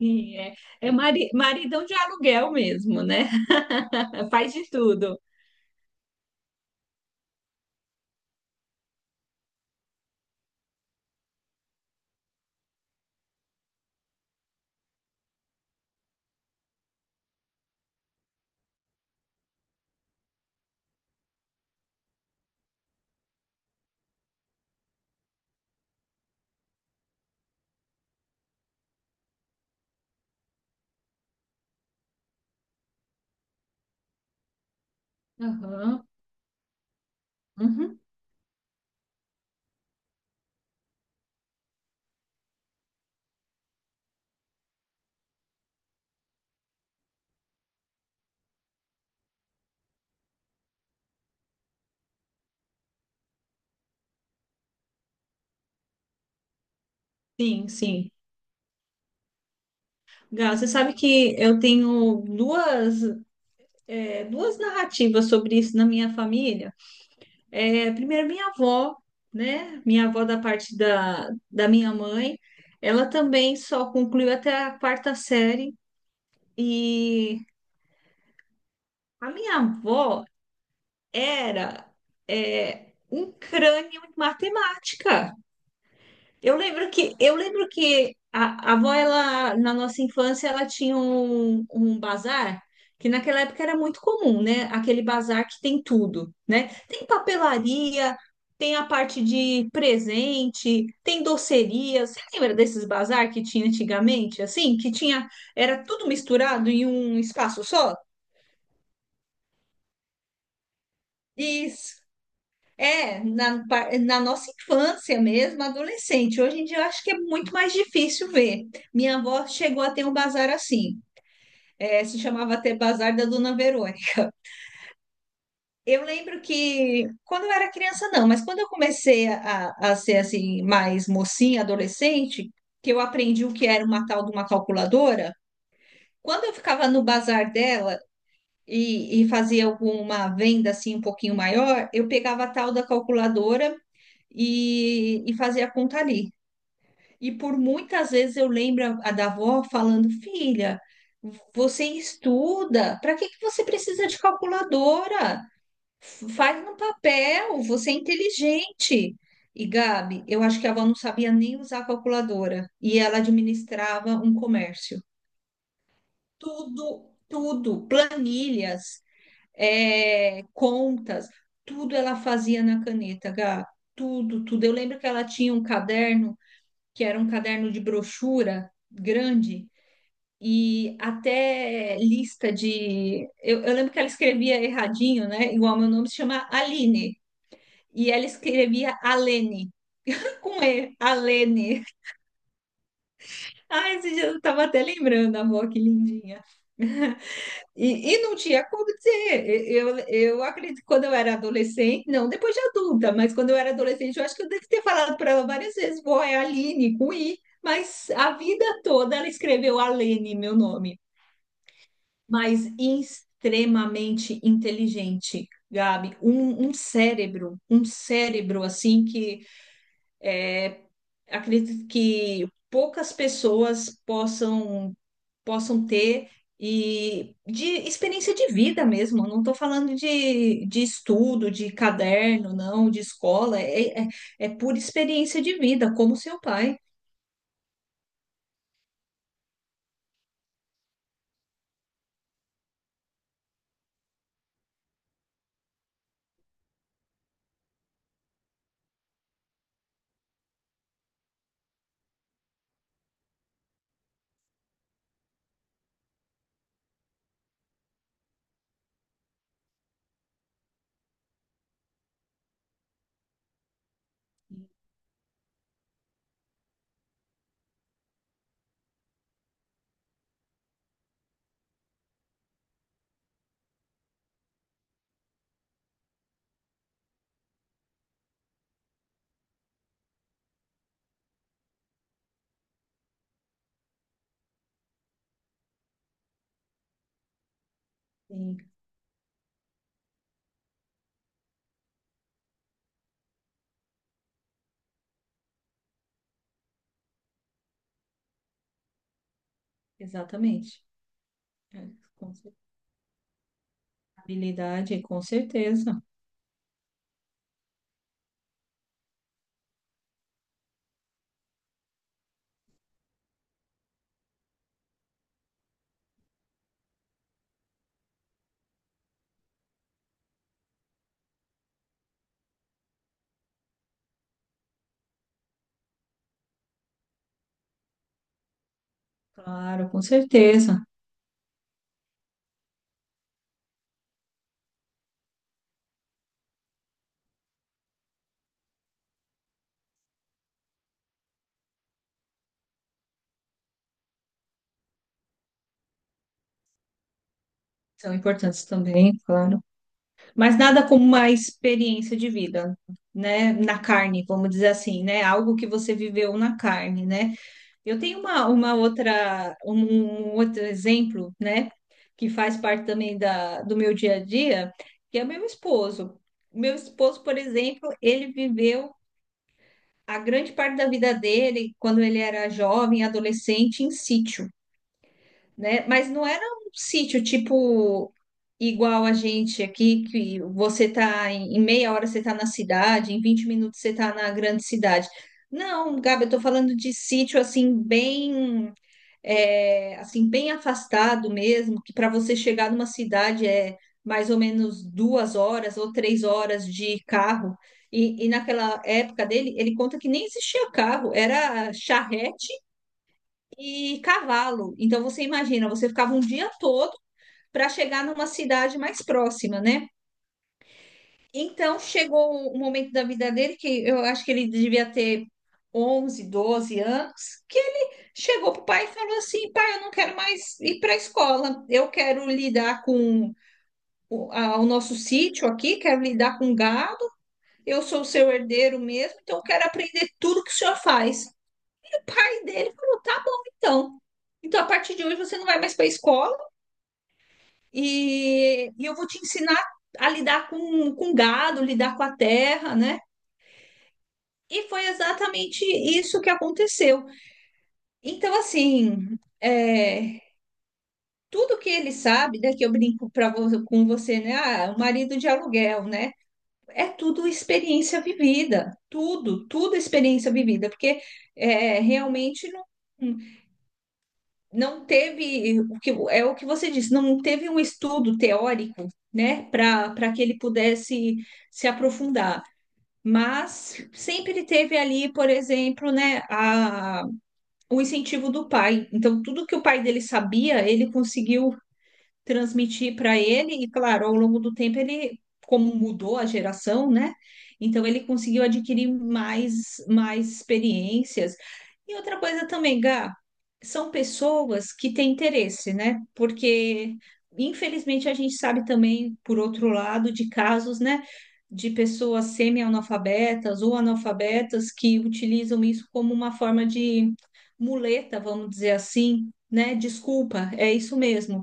Sim, é maridão de aluguel mesmo, né? Faz de tudo. Aham, uhum. Sim, sim. Gal, você sabe que eu tenho duas narrativas sobre isso na minha família. É, primeiro, minha avó, né? Minha avó da parte da minha mãe, ela também só concluiu até a quarta série. E a minha avó era um crânio em matemática. Eu lembro que a avó ela na nossa infância ela tinha um bazar que naquela época era muito comum, né? Aquele bazar que tem tudo, né? Tem papelaria, tem a parte de presente, tem doceria. Você lembra desses bazar que tinha antigamente, assim, que tinha era tudo misturado em um espaço só? E na nossa infância mesmo, adolescente. Hoje em dia eu acho que é muito mais difícil ver. Minha avó chegou a ter um bazar assim, se chamava até Bazar da Dona Verônica. Eu lembro que quando eu era criança, não, mas quando eu comecei a ser assim, mais mocinha, adolescente, que eu aprendi o que era uma tal de uma calculadora, quando eu ficava no bazar dela, e fazia alguma venda assim um pouquinho maior, eu pegava a tal da calculadora e fazia a conta ali. E por muitas vezes eu lembro a da avó falando, filha, você estuda, para que que você precisa de calculadora? Faz no papel, você é inteligente. E Gabi, eu acho que a avó não sabia nem usar a calculadora e ela administrava um comércio. Tudo, tudo, planilhas, contas, tudo ela fazia na caneta, Gá. Tudo, tudo. Eu lembro que ela tinha um caderno, que era um caderno de brochura grande, e até lista de. Eu lembro que ela escrevia erradinho, né? Igual meu nome se chama Aline. E ela escrevia Alene, com E, Alene. Ai, esse dia eu tava até lembrando, amor, que lindinha. E não tinha como dizer. Eu acredito que quando eu era adolescente, não depois de adulta, mas quando eu era adolescente, eu acho que eu devo ter falado para ela várias vezes: vó, é Aline, com I. Mas a vida toda ela escreveu Alene, meu nome. Mas extremamente inteligente, Gabi. Um cérebro assim que acredito que poucas pessoas possam ter e de experiência de vida mesmo. Eu não estou falando de estudo, de caderno, não, de escola. É, pura experiência de vida, como seu pai. Sim, exatamente. É, com cer- habilidade, com certeza. Claro, com certeza. São importantes também, claro. Mas nada como uma experiência de vida, né? Na carne, vamos dizer assim, né? Algo que você viveu na carne, né? Eu tenho um outro exemplo, né, que faz parte também do meu dia a dia, que é meu esposo. Meu esposo, por exemplo, ele viveu a grande parte da vida dele, quando ele era jovem, adolescente, em sítio, né? Mas não era um sítio tipo igual a gente aqui, que você tá em meia hora você está na cidade, em 20 minutos você está na grande cidade. Não, Gabi, eu tô falando de sítio assim, bem, assim, bem afastado mesmo, que para você chegar numa cidade é mais ou menos 2 horas ou 3 horas de carro. E naquela época dele, ele conta que nem existia carro, era charrete e cavalo. Então você imagina, você ficava um dia todo para chegar numa cidade mais próxima, né? Então chegou o momento da vida dele, que eu acho que ele devia ter 11 12 anos, que ele chegou para o pai e falou assim: pai, eu não quero mais ir para a escola, eu quero lidar com o nosso sítio aqui, quero lidar com gado, eu sou seu herdeiro mesmo, então eu quero aprender tudo que o senhor faz. E o pai dele falou: tá bom, então. Então, a partir de hoje, você não vai mais para a escola e eu vou te ensinar a lidar com gado, lidar com a terra, né? E foi exatamente isso que aconteceu. Então, assim, tudo que ele sabe, né, que eu brinco com você, né? Ah, o marido de aluguel, né? É tudo experiência vivida. Tudo, tudo experiência vivida. Porque realmente não, não teve o que é o que você disse, não teve um estudo teórico, né, para que ele pudesse se aprofundar. Mas sempre teve ali, por exemplo, né, a o incentivo do pai. Então, tudo que o pai dele sabia, ele conseguiu transmitir para ele, e claro, ao longo do tempo ele, como mudou a geração, né? Então ele conseguiu adquirir mais experiências. E outra coisa também, Gá, são pessoas que têm interesse, né? Porque, infelizmente, a gente sabe também, por outro lado, de casos, né? De pessoas semi-analfabetas ou analfabetas que utilizam isso como uma forma de muleta, vamos dizer assim, né? Desculpa, é isso mesmo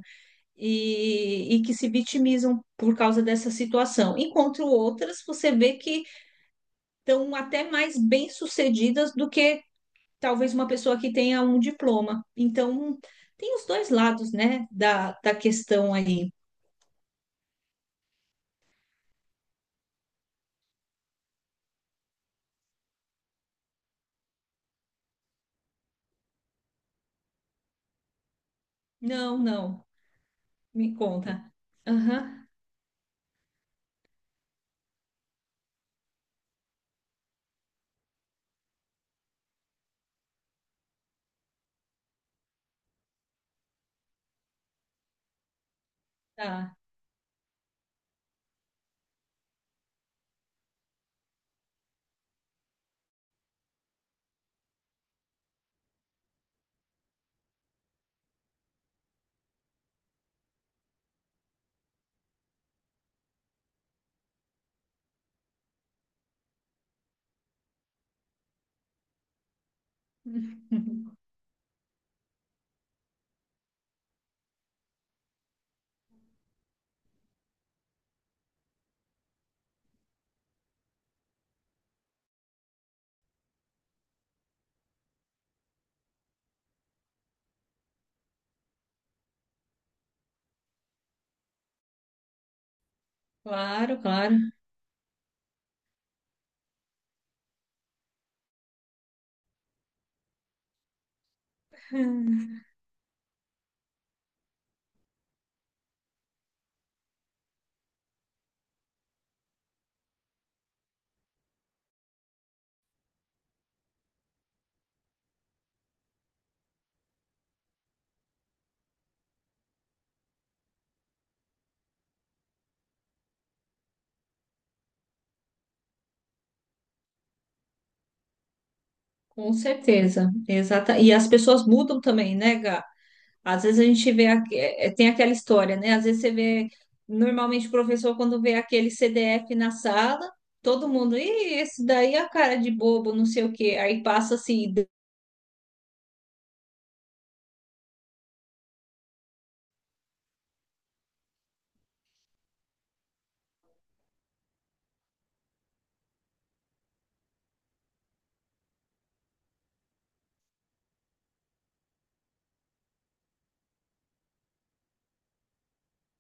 e que se vitimizam por causa dessa situação, enquanto outras você vê que estão até mais bem-sucedidas do que talvez uma pessoa que tenha um diploma. Então, tem os dois lados, né, da questão aí. Não, não, me conta. Aham, tá. Claro, claro. Com certeza, exata. E as pessoas mudam também, né, Gá? Às vezes a gente vê, tem aquela história, né? Às vezes você vê, normalmente o professor, quando vê aquele CDF na sala, todo mundo, e esse daí é a cara de bobo, não sei o quê. Aí passa assim,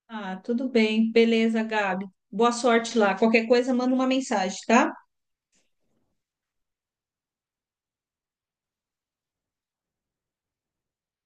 ah, tudo bem, beleza, Gabi, boa sorte lá. Qualquer coisa, manda uma mensagem, tá?